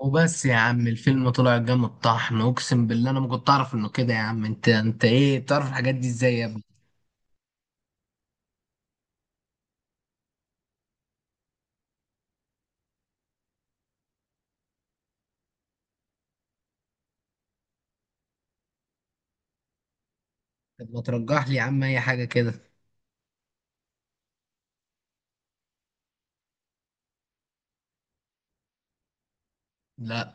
وبس يا عم الفيلم طلع جامد طحن، اقسم بالله انا ما كنت اعرف انه كده. يا عم انت ايه بتعرف الحاجات دي ازاي يا ابني؟ طب ما ترجح لي يا عم اي حاجه كده. لا.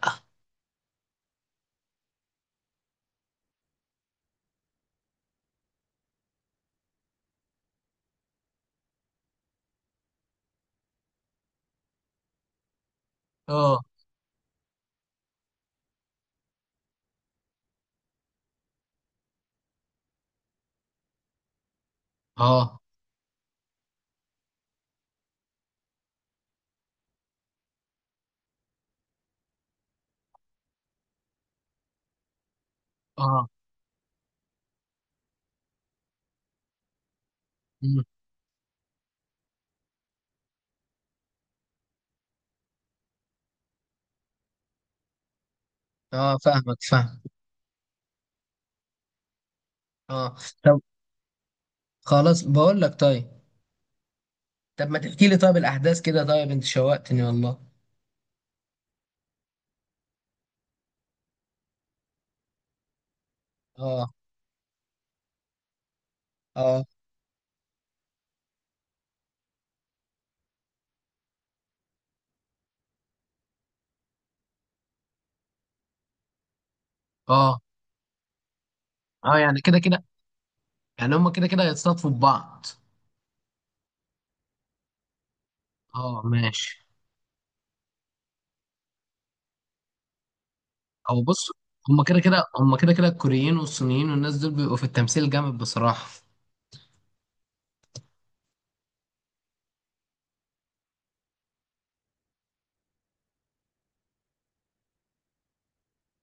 اه. اه. اه. مم. اه، فاهمك فاهم. اه. طب خلاص، بقول لك طيب. طب ما تحكي لي طيب الاحداث كده، طيب انت شوقتني والله. اه. اه. اه. اه يعني كده كده، يعني هما كده كده هيتصادفوا ببعض. اه ماشي. او بص، هما كده كده الكوريين والصينيين والناس دول بيبقوا في التمثيل جامد بصراحة.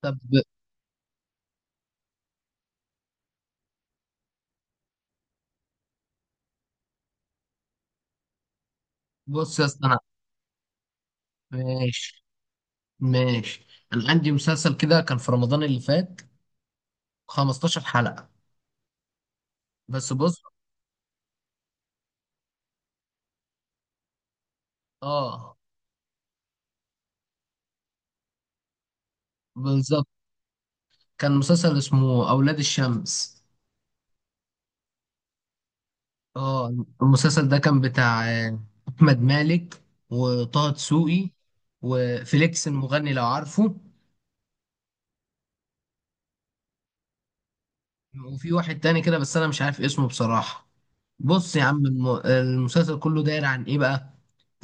طب بص يا اسطى انا. ماشي ماشي، انا عندي مسلسل كده كان في رمضان اللي فات، 15 حلقة. بس بص. اه بالظبط. كان مسلسل اسمه اولاد الشمس. اه، المسلسل ده كان بتاع احمد مالك وطه دسوقي وفليكس المغني لو عارفه. وفي واحد تاني كده بس انا مش عارف اسمه بصراحة. بص يا عم المسلسل كله داير عن ايه بقى؟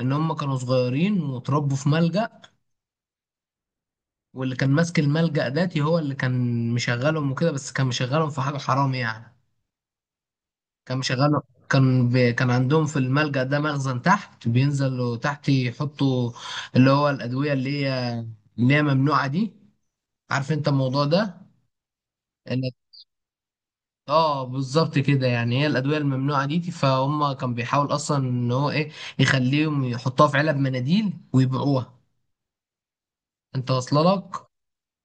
ان هم كانوا صغيرين واتربوا في ملجأ، واللي كان ماسك الملجأ داتي هو اللي كان مشغلهم وكده، بس كان مشغلهم في حاجة حرام يعني. كان مشغلهم، كان عندهم في الملجأ ده مخزن تحت، بينزلوا تحت يحطوا اللي هو الأدوية اللي هي اللي هي ممنوعة دي. عارف انت الموضوع ده. اه بالظبط كده، يعني هي الادويه الممنوعه دي. فهم كان بيحاول اصلا ان هو ايه، يخليهم يحطوها في علب مناديل ويبيعوها. انت واصله لك؟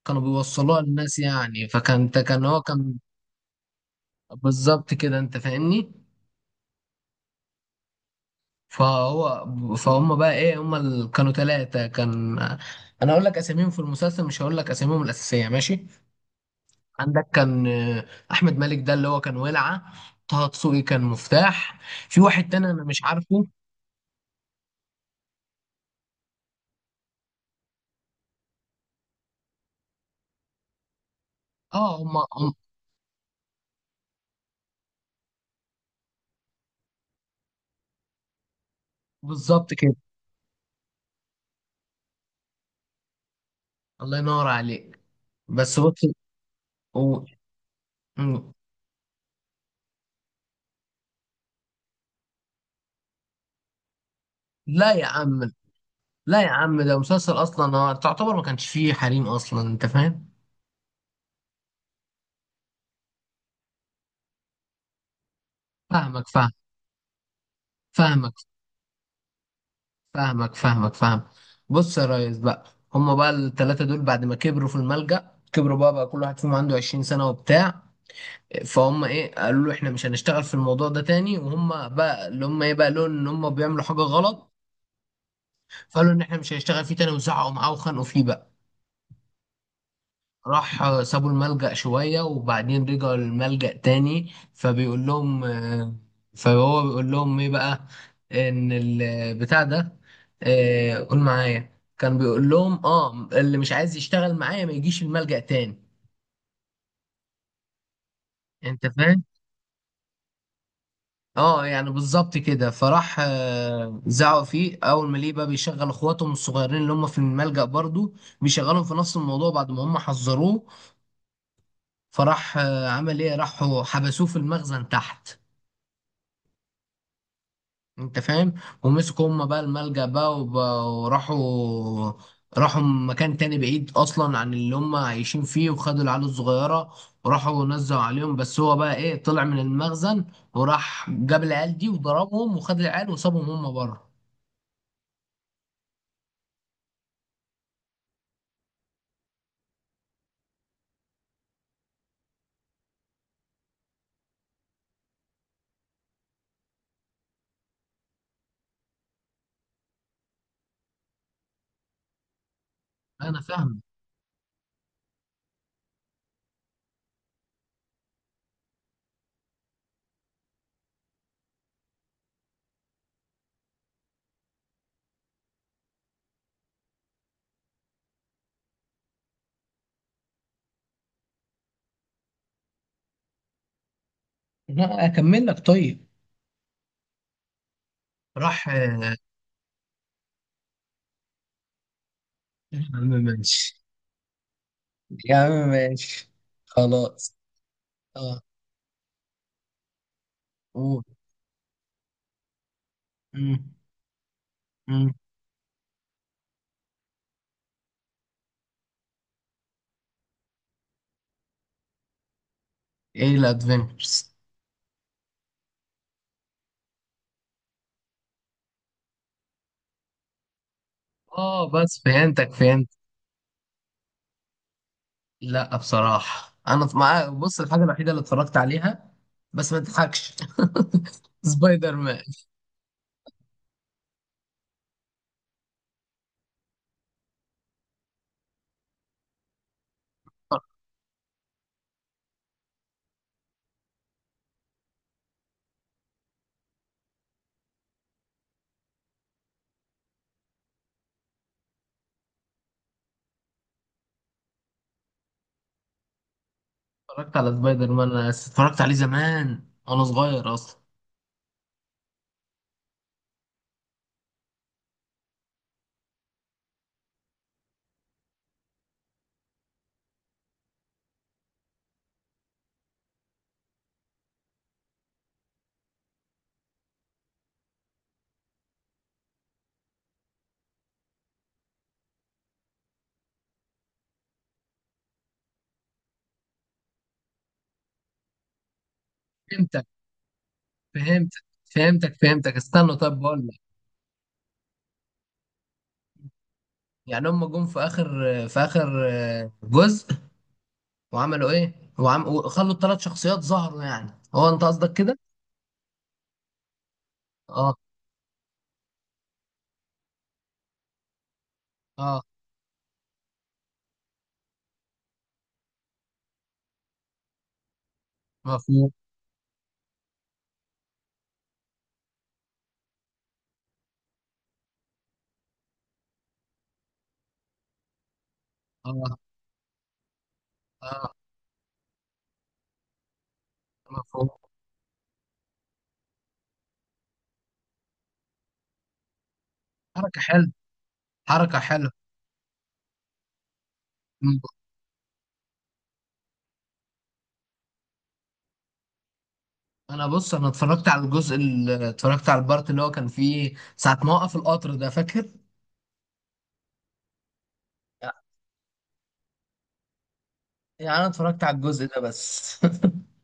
كانوا بيوصلوها للناس يعني، فكان كان هو كان بالظبط كده، انت فاهمني. فهو، فهم بقى ايه، كانوا ثلاثه. كان، انا هقول لك اساميهم في المسلسل، مش هقول لك اساميهم الاساسيه، ماشي. عندك كان احمد مالك، ده اللي هو كان ولعه. طه دسوقي كان مفتاح. في واحد تاني انا مش عارفه. اه هم، بالظبط كده. الله ينور عليك. بس بص، و... مم. لا يا عم. لا يا عم، ده مسلسل اصلا هو تعتبر ما كانش فيه حريم اصلا، انت فاهم. فاهمك فاهم. فاهمك فاهمك فاهم. بص يا ريس بقى، هما بقى الثلاثه دول بعد ما كبروا في الملجأ، كبروا بقى، بقى كل واحد فيهم عنده 20 سنه وبتاع. فهم ايه، قالوا له احنا مش هنشتغل في الموضوع ده تاني، وهم بقى اللي هم ايه بقى لون ان هم بيعملوا حاجه غلط. فقالوا ان احنا مش هنشتغل فيه تاني، وزعقوا معاه وخانقوا فيه بقى. راح سابوا الملجأ شوية وبعدين رجعوا الملجأ تاني، فبيقول لهم فهو بيقول لهم ايه بقى، ان البتاع ده، قول معايا، كان بيقول لهم اه اللي مش عايز يشتغل معايا ما يجيش الملجأ تاني. انت فاهم. اه يعني بالظبط كده، فراح زعقوا فيه اول ما ليه بقى بيشغل اخواتهم الصغيرين اللي هم في الملجأ برضو، بيشغلهم في نفس الموضوع بعد ما هم حذروه. فراح عمل ايه، راحوا حبسوه في المخزن تحت. انت فاهم. ومسكوا هم بقى الملجأ بقى، وراحوا، راحوا مكان تاني بعيد اصلا عن اللي هم عايشين فيه، وخدوا العيال الصغيره وراحوا نزلوا عليهم. بس هو بقى ايه، طلع من المخزن وراح جاب العيال دي وضربهم وخد العيال وسابهم هم بره. انا فاهم. لا اكمل لك طيب. راح. يا عم ماشي. يا عم ماشي. خلاص. اه. قول. مم. مم. ايه الادفنتشرز؟ اه بس فهمتك فهمت. لا بصراحة أنا مع، بص، الحاجة الوحيدة اللي اتفرجت عليها، بس ما تضحكش، سبايدر مان. اتفرجت على سبايدر مان، أنا اتفرجت عليه زمان وأنا صغير أصلا. فهمتك فهمتك فهمتك، فهمتك استنى، طب بقول لك. يعني هم جم في آخر، جزء، وعملوا إيه؟ وخلوا الثلاث شخصيات ظهروا، يعني هو أنت قصدك كده؟ أه. أه. مفهوم. أه. أه. مفهوم. حركة حلوة. حركة حلوة. انا بص، انا اتفرجت على الجزء اللي اتفرجت على البارت اللي هو كان فيه ساعة ما وقف القطر، ده فاكر؟ يعني انا اتفرجت على الجزء ده بس.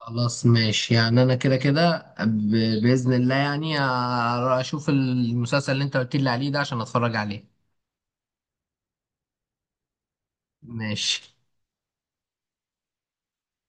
خلاص ماشي، يعني انا كده كده باذن الله يعني اشوف المسلسل اللي انت قلت لي عليه ده عشان اتفرج عليه. ماشي.